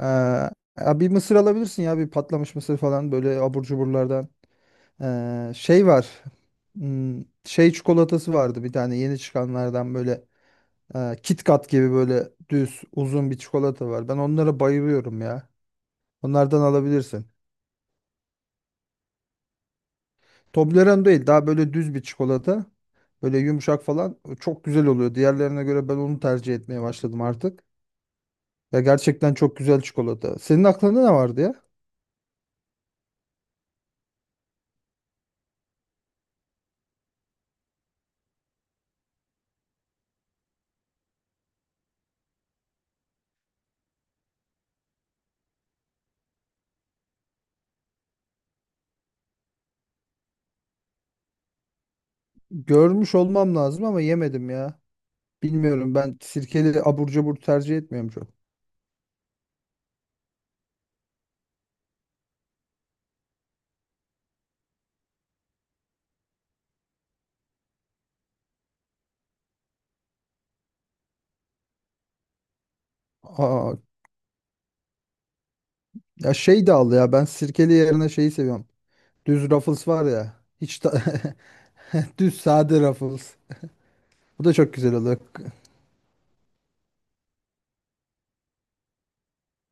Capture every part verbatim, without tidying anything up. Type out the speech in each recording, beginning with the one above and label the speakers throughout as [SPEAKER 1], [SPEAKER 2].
[SPEAKER 1] Ee, ya bir mısır alabilirsin ya bir patlamış mısır falan böyle abur cuburlardan. Ee, şey var. hmm, şey çikolatası vardı bir tane yeni çıkanlardan böyle e, Kit Kat gibi böyle düz uzun bir çikolata var. Ben onlara bayılıyorum ya. Onlardan alabilirsin. Toblerone değil, daha böyle düz bir çikolata. Böyle yumuşak falan, çok güzel oluyor. Diğerlerine göre ben onu tercih etmeye başladım artık. Ya gerçekten çok güzel çikolata. Senin aklında ne vardı ya? Görmüş olmam lazım ama yemedim ya. Bilmiyorum, ben sirkeli abur cubur tercih etmiyorum çok. Aa, ya şey de al ya, ben sirkeli yerine şeyi seviyorum. Düz Ruffles var ya. Hiç ta- düz sade Ruffles. Bu da çok güzel oluyor.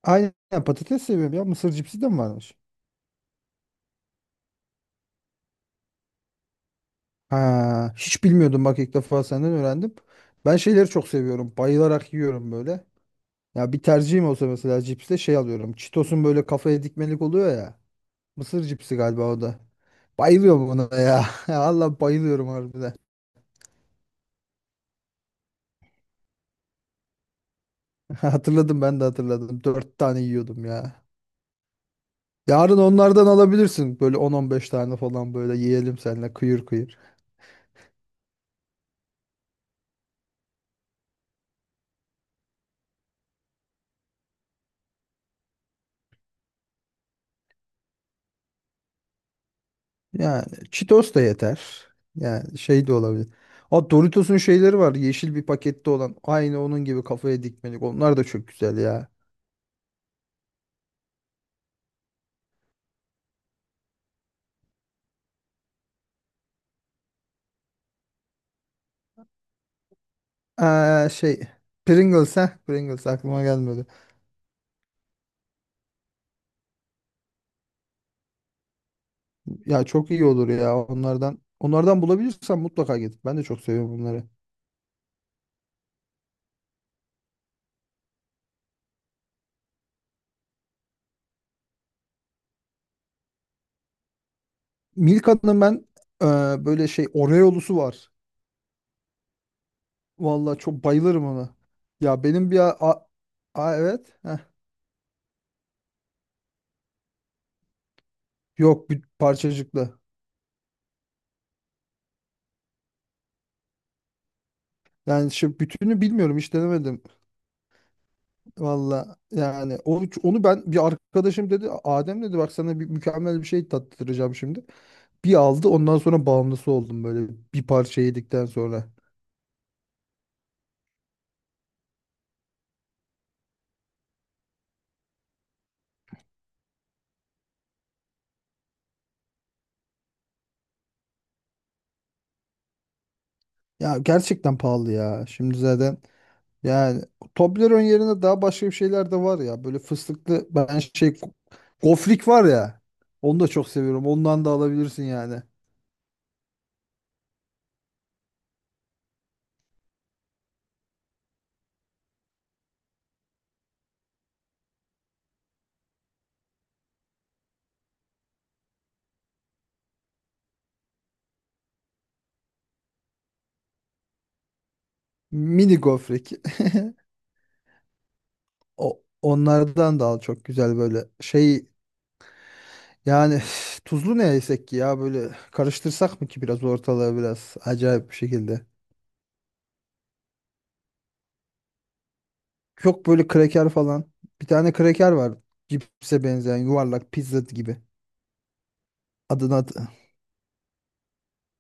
[SPEAKER 1] Aynen, patates seviyorum ya. Mısır cipsi de mi varmış? Ha, hiç bilmiyordum bak, ilk defa senden öğrendim. Ben şeyleri çok seviyorum. Bayılarak yiyorum böyle. Ya bir tercihim olsa mesela cipste şey alıyorum. Cheetos'un böyle kafaya dikmelik oluyor ya. Mısır cipsi galiba o da. Bayılıyorum buna ya. Allah, bayılıyorum harbiden. Hatırladım, ben de hatırladım. Dört tane yiyordum ya. Yarın onlardan alabilirsin. Böyle on on beş tane falan böyle yiyelim seninle kıyır kıyır. Yani Cheetos da yeter. Yani şey de olabilir. O Doritos'un şeyleri var. Yeşil bir pakette olan. Aynı onun gibi kafaya dikmelik. Onlar da çok güzel ya. Ee, şey Pringles ha. Pringles aklıma gelmedi. Ya çok iyi olur ya onlardan. Onlardan bulabilirsem mutlaka git. Ben de çok seviyorum bunları. Milka'nın ben e, böyle şey Oreo'lusu var. Vallahi çok bayılırım ona. Ya benim bir a, a- a- evet. Heh. Yok, bir parçacıklı. Yani şimdi bütünü bilmiyorum, hiç denemedim. Valla yani onu, onu ben, bir arkadaşım dedi, Adem dedi, bak sana bir mükemmel bir şey tattıracağım şimdi. Bir aldı, ondan sonra bağımlısı oldum böyle, bir parça yedikten sonra. Ya gerçekten pahalı ya. Şimdi zaten, yani Toblerone yerine daha başka bir şeyler de var ya. Böyle fıstıklı, ben şey gofrik var ya. Onu da çok seviyorum. Ondan da alabilirsin yani. Mini gofrik. O, onlardan da al, çok güzel böyle şey, yani tuzlu ne yesek ki ya, böyle karıştırsak mı ki biraz ortalığı, biraz acayip bir şekilde. Çok böyle kraker falan. Bir tane kraker var. Cipse benzeyen yuvarlak pizza gibi. Adını hat-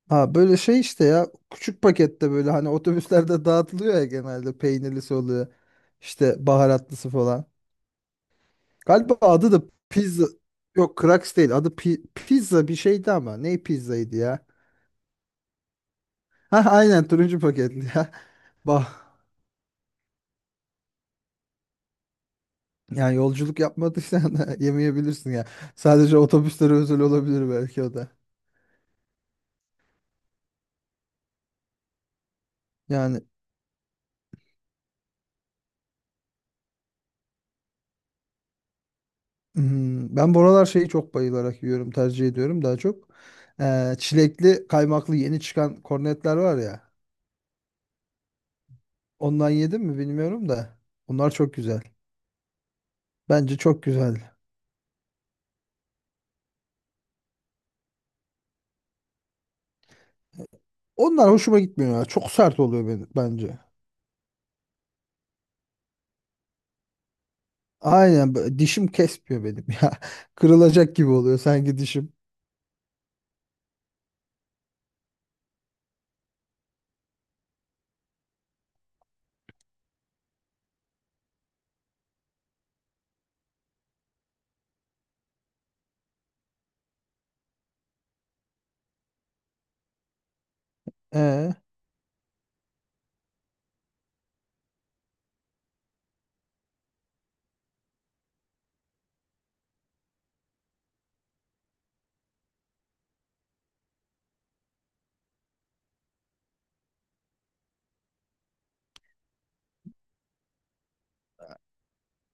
[SPEAKER 1] ha böyle şey işte, ya küçük pakette böyle, hani otobüslerde dağıtılıyor ya, genelde peynirlisi oluyor. İşte baharatlısı falan. Galiba adı da pizza, yok Crax değil adı, pi- pizza bir şeydi, ama ne pizzaydı ya. Ha aynen, turuncu paketli ya. Bah, yani yolculuk yapmadıysan da yemeyebilirsin ya. Sadece otobüslere özel olabilir belki o da. Yani hmm, ben buralar şeyi çok bayılarak yiyorum, tercih ediyorum daha çok. Ee, çilekli kaymaklı yeni çıkan kornetler var ya. Ondan yedim mi bilmiyorum da. Onlar çok güzel. Bence çok güzel. Onlar hoşuma gitmiyor ya. Çok sert oluyor benim, bence. Aynen, b- dişim kesmiyor benim ya. Kırılacak gibi oluyor sanki dişim. Ee,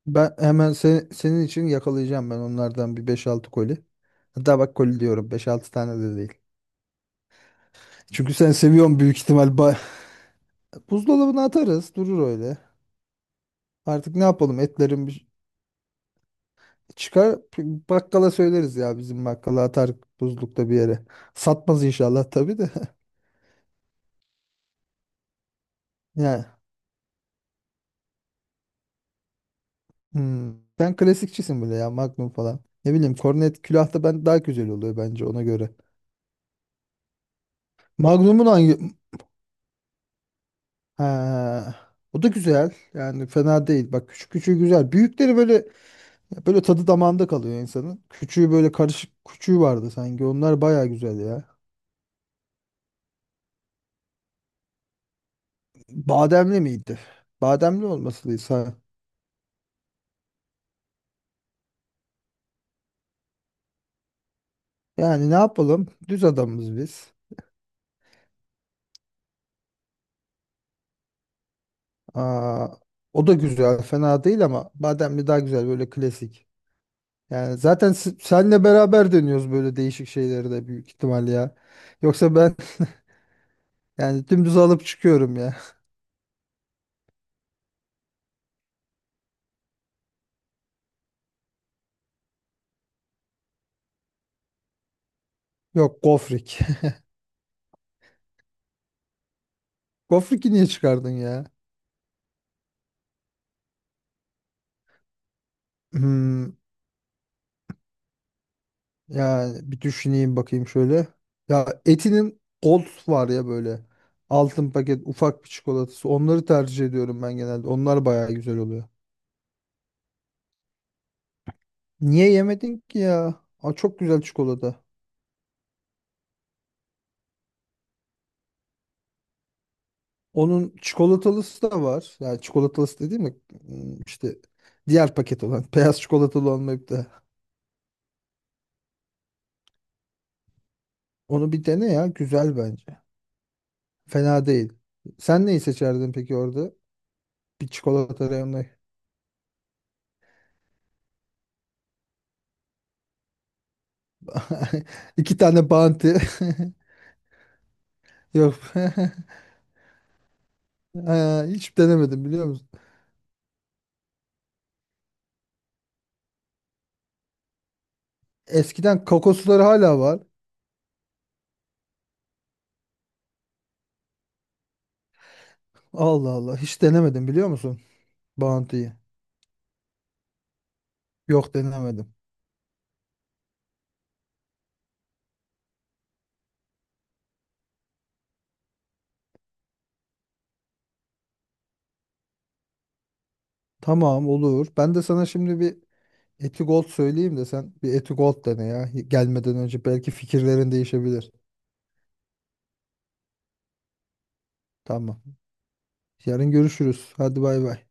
[SPEAKER 1] Ben hemen se- senin için yakalayacağım, ben onlardan bir beş altı koli. Hatta bak, koli diyorum, beş altı tane de değil. Çünkü sen seviyorsun büyük ihtimal. Ba- buzdolabına atarız, durur öyle. Artık ne yapalım, etlerim çıkar, bakkala söyleriz ya, bizim bakkala atar, buzlukta bir yere. Satmaz inşallah tabii de. Ya hmm. Sen klasikçisin böyle ya, Magnum falan. Ne bileyim, Kornet külahta ben daha güzel oluyor bence ona göre. Magnum'un hangi, ha, o da güzel. Yani fena değil. Bak küçük küçüğü güzel. Büyükleri böyle, böyle tadı damağında kalıyor insanın. Küçüğü, böyle karışık küçüğü vardı sanki. Onlar baya güzel ya. Bademli miydi? Bademli olmasıysa. Yani ne yapalım? Düz adamız biz. Aa, o da güzel, fena değil ama bademli daha güzel, böyle klasik. Yani zaten s- senle beraber dönüyoruz böyle değişik şeyleri de büyük ihtimal ya. Yoksa ben yani dümdüz alıp çıkıyorum ya. Yok, gofrik. Gofrik'i niye çıkardın ya? Hmm, yani bir düşüneyim bakayım şöyle. Ya Eti'nin Gold var ya böyle. Altın paket ufak bir çikolatası. Onları tercih ediyorum ben genelde. Onlar bayağı güzel oluyor. Niye yemedin ki ya? Aa, çok güzel çikolata. Onun çikolatalısı da var. Yani çikolatalısı dediğim mi? İşte diğer paket olan. Beyaz çikolatalı olmayıp da. Onu bir dene ya. Güzel bence. Fena değil. Sen neyi seçerdin peki orada? Bir çikolata reyonu. İki tane Bounty. Yok. Ha, hiç denemedim biliyor musun? Eskiden kokosları hala var. Allah Allah. Hiç denemedim biliyor musun? Bounty'yi. Yok, denemedim. Tamam, olur. Ben de sana şimdi bir Eti Gold söyleyeyim de sen bir Eti Gold dene ya. Gelmeden önce belki fikirlerin değişebilir. Tamam. Yarın görüşürüz. Hadi bay bay.